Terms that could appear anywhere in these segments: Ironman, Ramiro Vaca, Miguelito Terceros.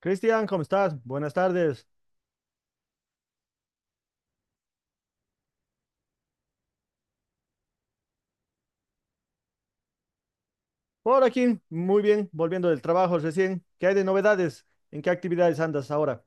Cristian, ¿cómo estás? Buenas tardes. Por aquí, muy bien, volviendo del trabajo recién. ¿Qué hay de novedades? ¿En qué actividades andas ahora?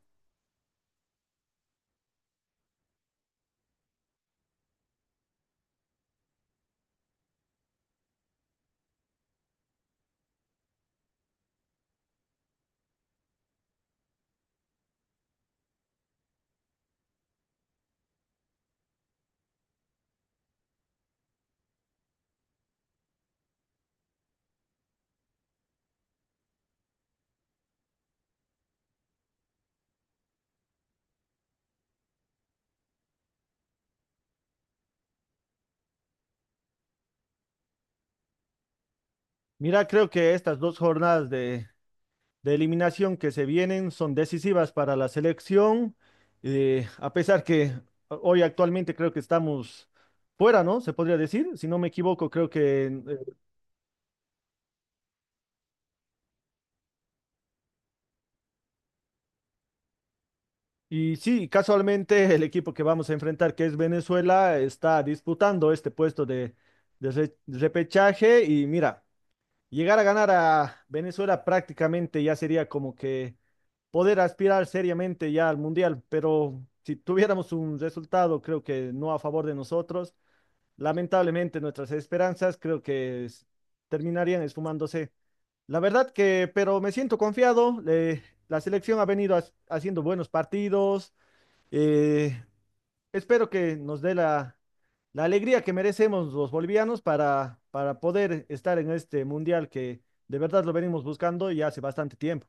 Mira, creo que estas dos jornadas de eliminación que se vienen son decisivas para la selección, a pesar que hoy actualmente creo que estamos fuera, ¿no? Se podría decir, si no me equivoco, creo que... y sí, casualmente el equipo que vamos a enfrentar, que es Venezuela, está disputando este puesto de repechaje y mira. Llegar a ganar a Venezuela prácticamente ya sería como que poder aspirar seriamente ya al mundial, pero si tuviéramos un resultado, creo que no a favor de nosotros, lamentablemente nuestras esperanzas creo que terminarían esfumándose. La verdad que, pero me siento confiado, la selección ha venido haciendo buenos partidos, eh, espero que nos dé la alegría que merecemos los bolivianos para poder estar en este mundial que de verdad lo venimos buscando ya hace bastante tiempo.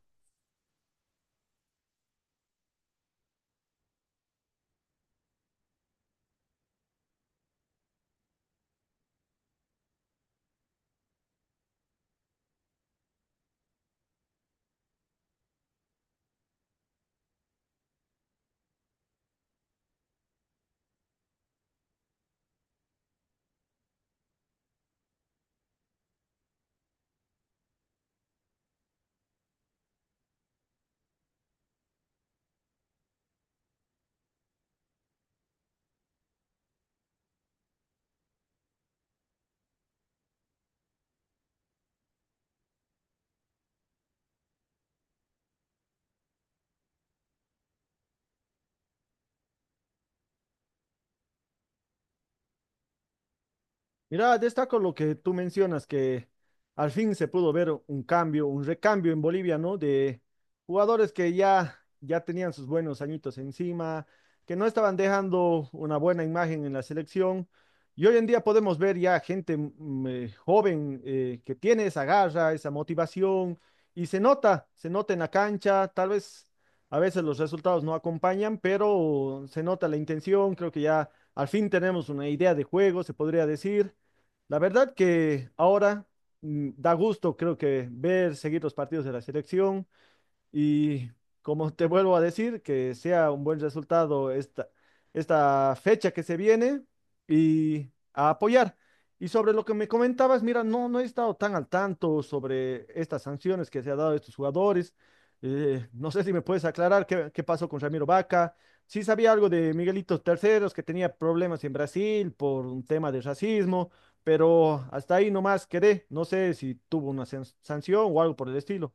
Mira, destaco lo que tú mencionas, que al fin se pudo ver un cambio, un recambio en Bolivia, ¿no? De jugadores que ya tenían sus buenos añitos encima, que no estaban dejando una buena imagen en la selección. Y hoy en día podemos ver ya gente joven, que tiene esa garra, esa motivación, y se nota en la cancha, tal vez a veces los resultados no acompañan, pero se nota la intención, creo que ya al fin tenemos una idea de juego, se podría decir. La verdad que ahora, da gusto, creo que ver, seguir los partidos de la selección. Y como te vuelvo a decir, que sea un buen resultado esta fecha que se viene y a apoyar. Y sobre lo que me comentabas, mira, no, no he estado tan al tanto sobre estas sanciones que se ha dado a estos jugadores. No sé si me puedes aclarar qué pasó con Ramiro Vaca. Sí sabía algo de Miguelito Terceros, que tenía problemas en Brasil por un tema de racismo, pero hasta ahí nomás quedé. No sé si tuvo una sanción o algo por el estilo.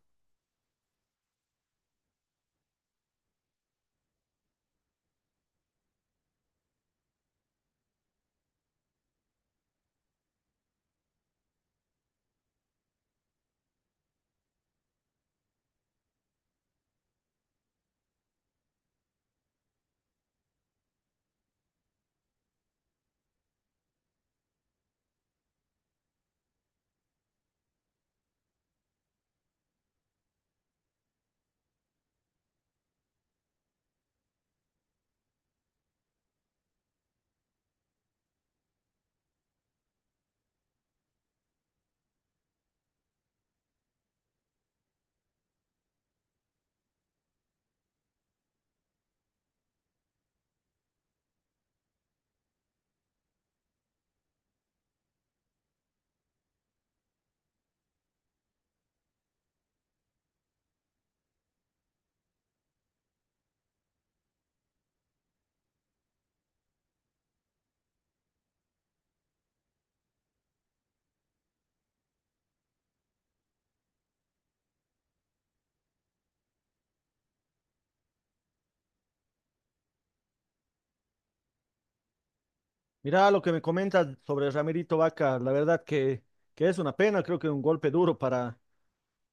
Mirá lo que me comentas sobre Ramirito Vaca, la verdad que es una pena, creo que un golpe duro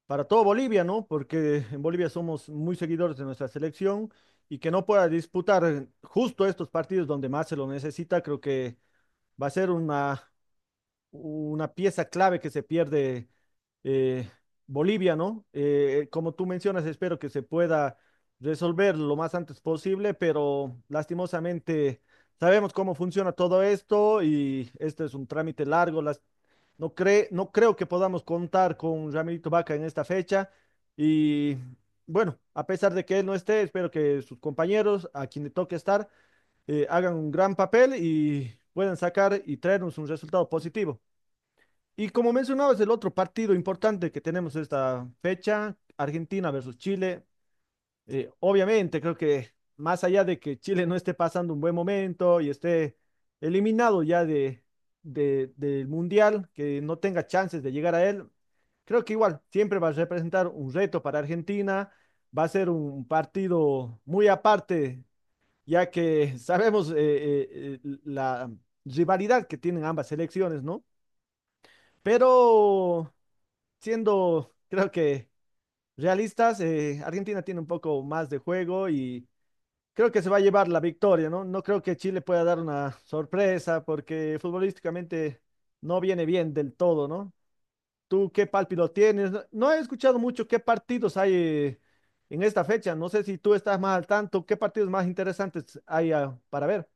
para todo Bolivia, ¿no? Porque en Bolivia somos muy seguidores de nuestra selección y que no pueda disputar justo estos partidos donde más se lo necesita, creo que va a ser una pieza clave que se pierde, eh, Bolivia, ¿no? Como tú mencionas, espero que se pueda resolver lo más antes posible, pero lastimosamente sabemos cómo funciona todo esto y este es un trámite largo. No creo que podamos contar con Ramirito Vaca en esta fecha y bueno, a pesar de que él no esté, espero que sus compañeros, a quien le toque estar, hagan un gran papel y puedan sacar y traernos un resultado positivo. Y como mencionabas, el otro partido importante que tenemos esta fecha, Argentina versus Chile, obviamente creo que más allá de que Chile no esté pasando un buen momento y esté eliminado ya del Mundial, que no tenga chances de llegar a él, creo que igual siempre va a representar un reto para Argentina, va a ser un partido muy aparte, ya que sabemos la rivalidad que tienen ambas selecciones, ¿no? Pero siendo, creo que realistas, Argentina tiene un poco más de juego y creo que se va a llevar la victoria, ¿no? No creo que Chile pueda dar una sorpresa porque futbolísticamente no viene bien del todo, ¿no? ¿Tú qué pálpito tienes? No, no he escuchado mucho qué partidos hay en esta fecha. No sé si tú estás más al tanto, qué partidos más interesantes hay para ver.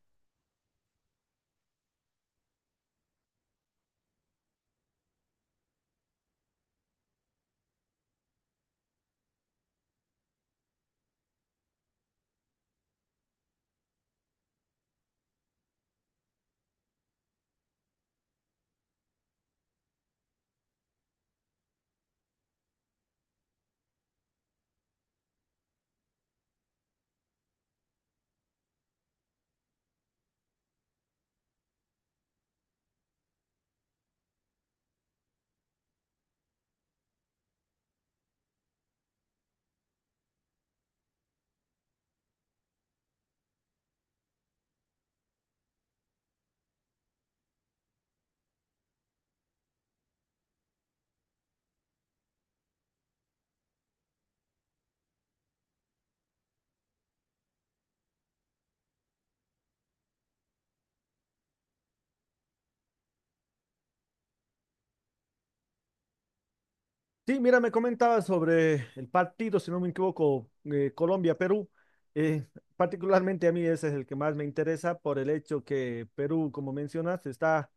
Sí, mira, me comentaba sobre el partido, si no me equivoco, Colombia-Perú. Eh, Particularmente a mí ese es el que más me interesa por el hecho que Perú, como mencionas, está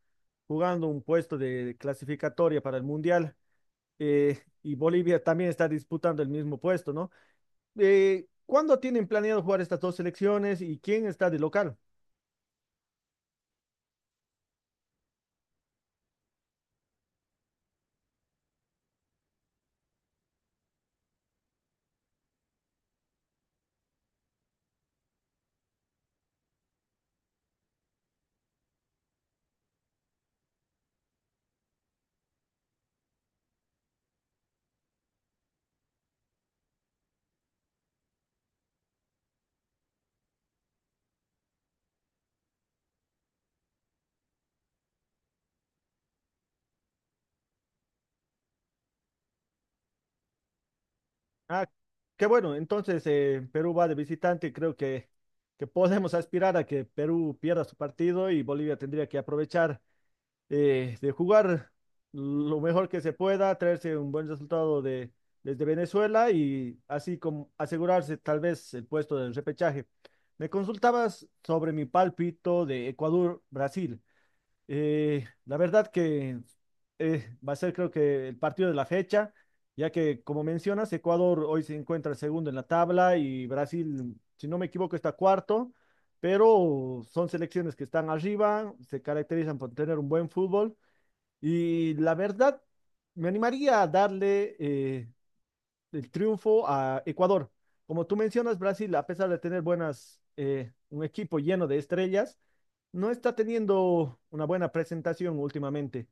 jugando un puesto de clasificatoria para el Mundial, y Bolivia también está disputando el mismo puesto, ¿no? ¿Cuándo tienen planeado jugar estas dos selecciones y quién está de local? Ah, qué bueno. Entonces, Perú va de visitante. Creo que podemos aspirar a que Perú pierda su partido y Bolivia tendría que aprovechar, de jugar lo mejor que se pueda, traerse un buen resultado desde Venezuela y así como asegurarse tal vez el puesto del repechaje. Me consultabas sobre mi pálpito de Ecuador-Brasil. La verdad que va a ser creo que el partido de la fecha, ya que como mencionas, Ecuador hoy se encuentra segundo en la tabla y Brasil, si no me equivoco, está cuarto, pero son selecciones que están arriba, se caracterizan por tener un buen fútbol y la verdad me animaría a darle el triunfo a Ecuador. Como tú mencionas, Brasil, a pesar de tener buenas, un equipo lleno de estrellas, no está teniendo una buena presentación últimamente.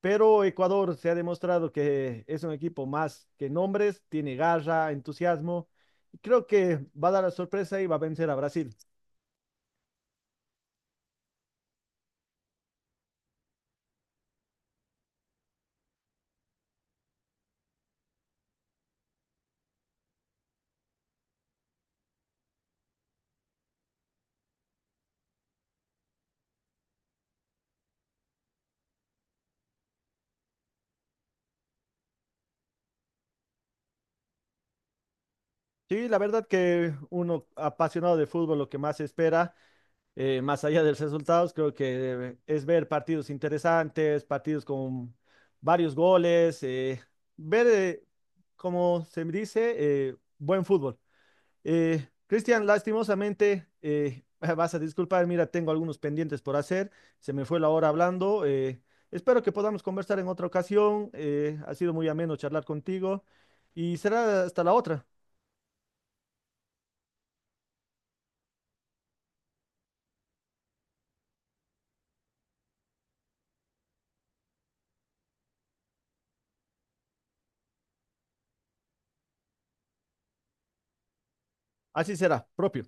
Pero Ecuador se ha demostrado que es un equipo más que nombres, tiene garra, entusiasmo. Y creo que va a dar la sorpresa y va a vencer a Brasil. Sí, la verdad que uno apasionado de fútbol lo que más espera, más allá de los resultados, creo que es ver partidos interesantes, partidos con varios goles, ver, eh, como se dice, buen fútbol. Cristian, lastimosamente, vas a disculpar, mira, tengo algunos pendientes por hacer, se me fue la hora hablando. Espero que podamos conversar en otra ocasión, ha sido muy ameno charlar contigo y será hasta la otra, así será, propio.